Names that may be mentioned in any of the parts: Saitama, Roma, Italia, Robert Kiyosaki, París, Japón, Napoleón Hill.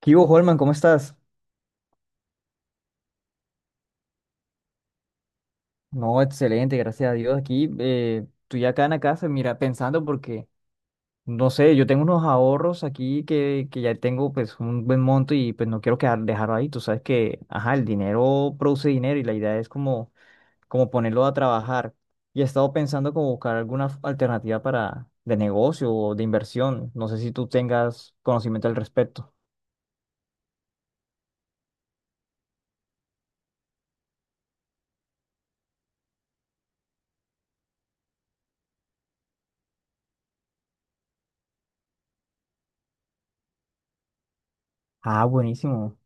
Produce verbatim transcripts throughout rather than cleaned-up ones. ¿Qué hubo, Holman? ¿Cómo estás? No, excelente, gracias a Dios. Aquí eh, estoy acá en la casa, mira, pensando porque, no sé, yo tengo unos ahorros aquí que, que ya tengo pues un buen monto y pues no quiero quedar, dejarlo ahí. Tú sabes que, ajá, el dinero produce dinero y la idea es como, como ponerlo a trabajar. Y he estado pensando como buscar alguna f- alternativa para de negocio o de inversión. No sé si tú tengas conocimiento al respecto. Ah, buenísimo.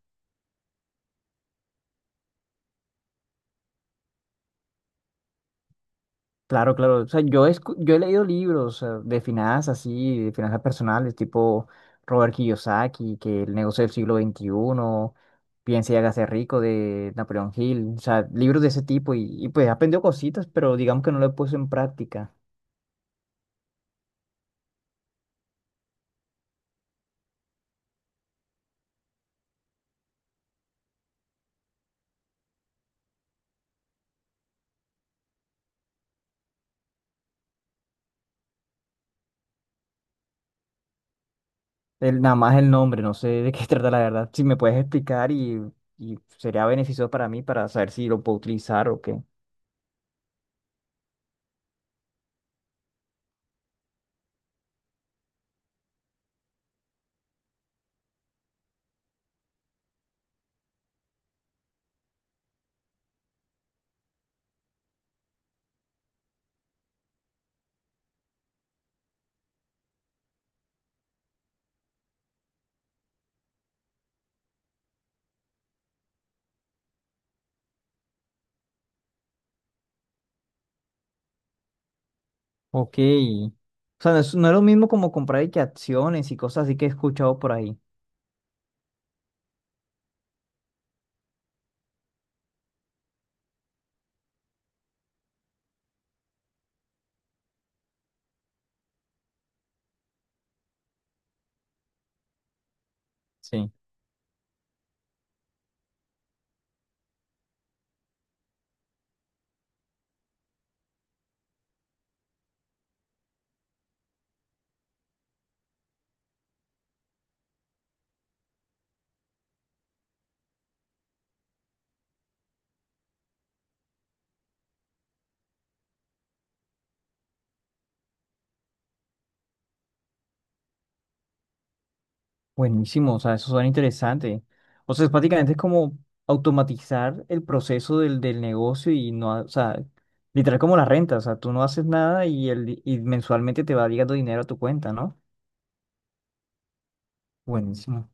Claro, claro. O sea, yo he, escu- yo he leído libros eh, de finanzas, así, de finanzas personales, tipo Robert Kiyosaki, que el negocio del siglo veintiuno, Piense y hágase rico de Napoleón Hill. O sea, libros de ese tipo. Y, y pues he aprendido cositas, pero digamos que no lo he puesto en práctica. El- nada más el nombre, no sé de qué trata la verdad. Si me puedes explicar y, y sería beneficioso para mí para saber si lo puedo utilizar o qué. Ok. O sea, no es, no es lo mismo como comprar y que acciones y cosas así que he escuchado por ahí. Sí. Buenísimo, o sea, eso suena interesante. O sea, es prácticamente es como automatizar el proceso del, del negocio y no, ha- o sea, literal como la renta, o sea, tú no haces nada y, el, di- y mensualmente te va llegando dinero a tu cuenta, ¿no? Buenísimo.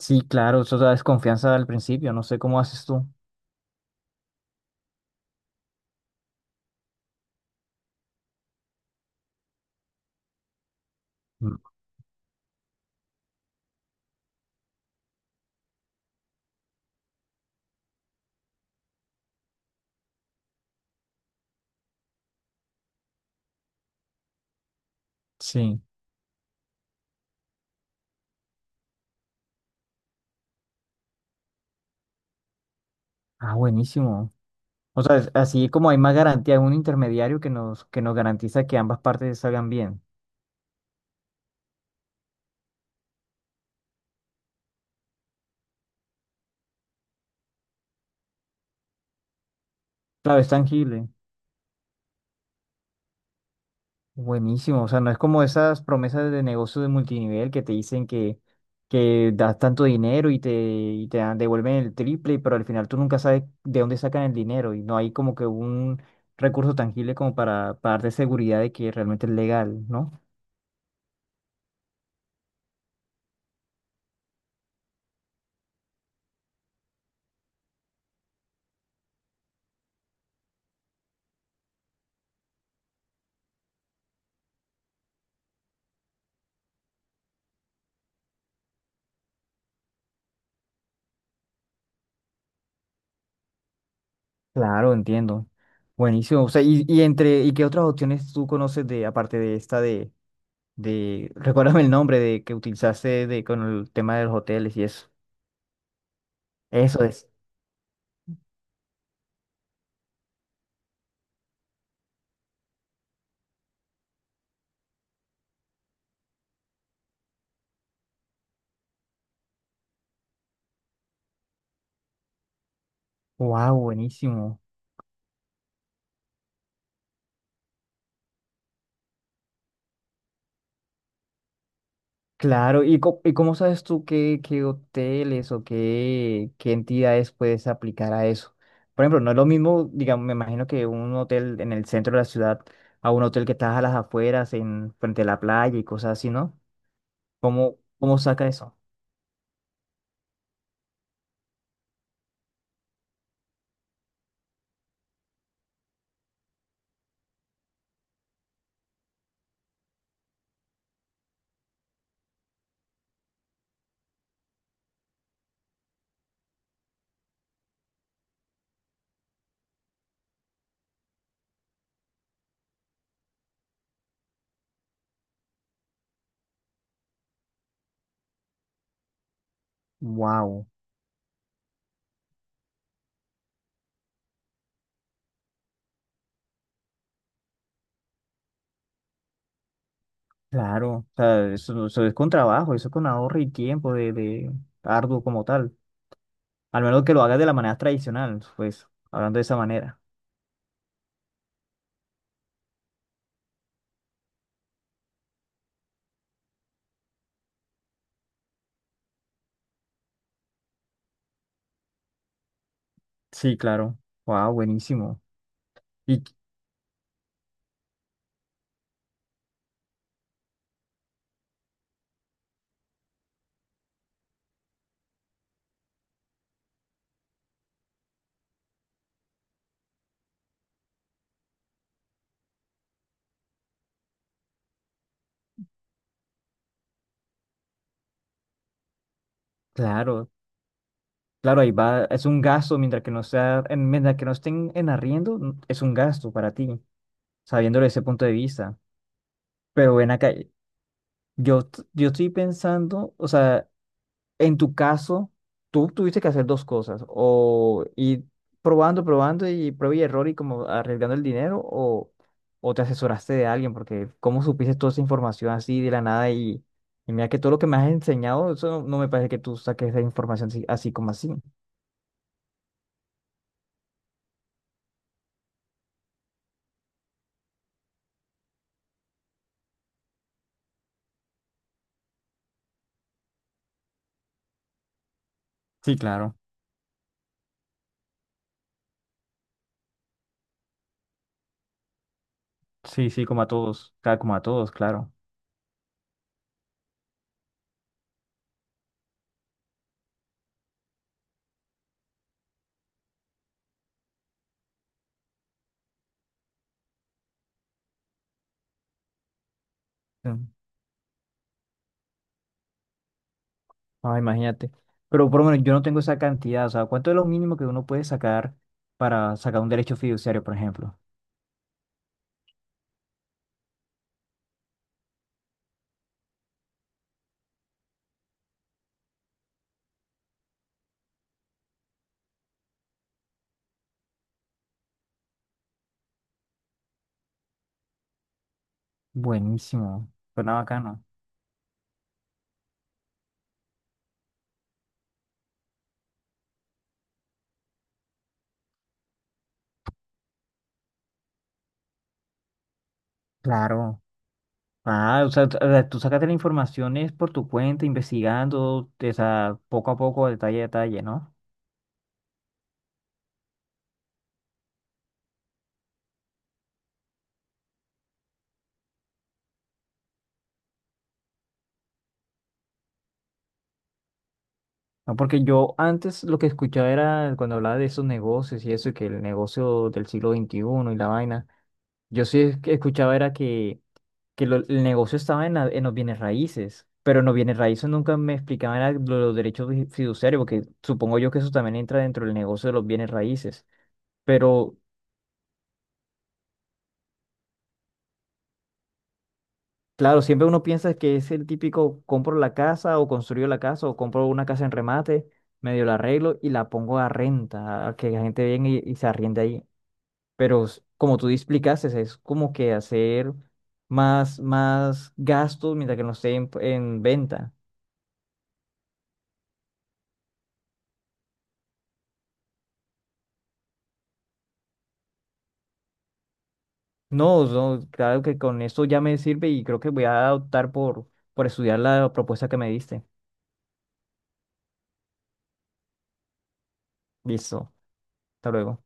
Sí, claro, eso da desconfianza al principio, no sé cómo haces tú. Mm. Sí. Ah, buenísimo. O sea, es- así como hay más garantía, es un intermediario que nos, que nos garantiza que ambas partes salgan bien. Claro, es tangible. Buenísimo, o sea, no es como esas promesas de negocio de multinivel que te dicen que, que das tanto dinero y te, y te dan- devuelven el triple, pero al final tú nunca sabes de dónde sacan el dinero y no hay como que un recurso tangible como para, para darte seguridad de que realmente es legal, ¿no? Claro, entiendo. Buenísimo, o sea, y, y entre, ¿y qué otras opciones tú conoces de, aparte de esta de, de, recuérdame el nombre de que utilizaste de, con el tema de los hoteles y eso? Eso es. Wow, buenísimo. Claro, ¿y, co- y cómo sabes tú qué, qué hoteles o qué, qué entidades puedes aplicar a eso? Por ejemplo, no es lo mismo, digamos, me imagino que un hotel en el centro de la ciudad a un hotel que está a las afueras, en frente a la playa y cosas así, ¿no? ¿Cómo, cómo saca eso? Wow, claro, o sea, eso, eso es con trabajo, eso es con ahorro y tiempo de, de arduo como tal. Al menos que lo hagas de la manera tradicional, pues, hablando de esa manera. Sí, claro. Wow, buenísimo. Y claro, Claro, ahí va, es un gasto, mientras que no sea, en- mientras que no estén en arriendo, n- es un gasto para ti, sabiéndolo desde ese punto de vista. Pero ven acá, yo, t- yo estoy pensando, o sea, en tu caso, tú tuviste que hacer dos cosas, o ir probando, probando y prueba y error y como arriesgando el dinero, o, o te asesoraste de alguien, porque cómo supiste toda esa información así de la nada y, y mira que todo lo que me has enseñado, eso no, no me parece que tú saques esa información así, así como así. Sí, claro. Sí, sí, como a todos, ca- como a todos, claro. Mm. Ah, imagínate. Pero por lo menos yo no tengo esa cantidad, o sea, ¿cuánto es lo mínimo que uno puede sacar para sacar un derecho fiduciario, por ejemplo? Buenísimo, suena bacano. Claro. Ah, o sea, t- o sea, tú sacaste la información es por tu cuenta, investigando, o sea, poco a poco, detalle a detalle, ¿no? No, porque yo antes lo que escuchaba era cuando hablaba de esos negocios y eso, y que el negocio del siglo veintiuno y la vaina, yo sí es- escuchaba era que, que lo- el negocio estaba en, la- en los bienes raíces, pero en los bienes raíces nunca me explicaban era lo- los derechos fi- fiduciarios, porque supongo yo que eso también entra dentro del negocio de los bienes raíces. Pero claro, siempre uno piensa que es el típico compro la casa o construyo la casa o compro una casa en remate, medio la arreglo y la pongo a renta, a que la gente venga y, y se arriende ahí. Pero s- como tú explicaste, es como que hacer más, más gastos mientras que no esté en, en venta. No, no, claro que con esto ya me sirve y creo que voy a optar por, por estudiar la propuesta que me diste. Listo, hasta luego.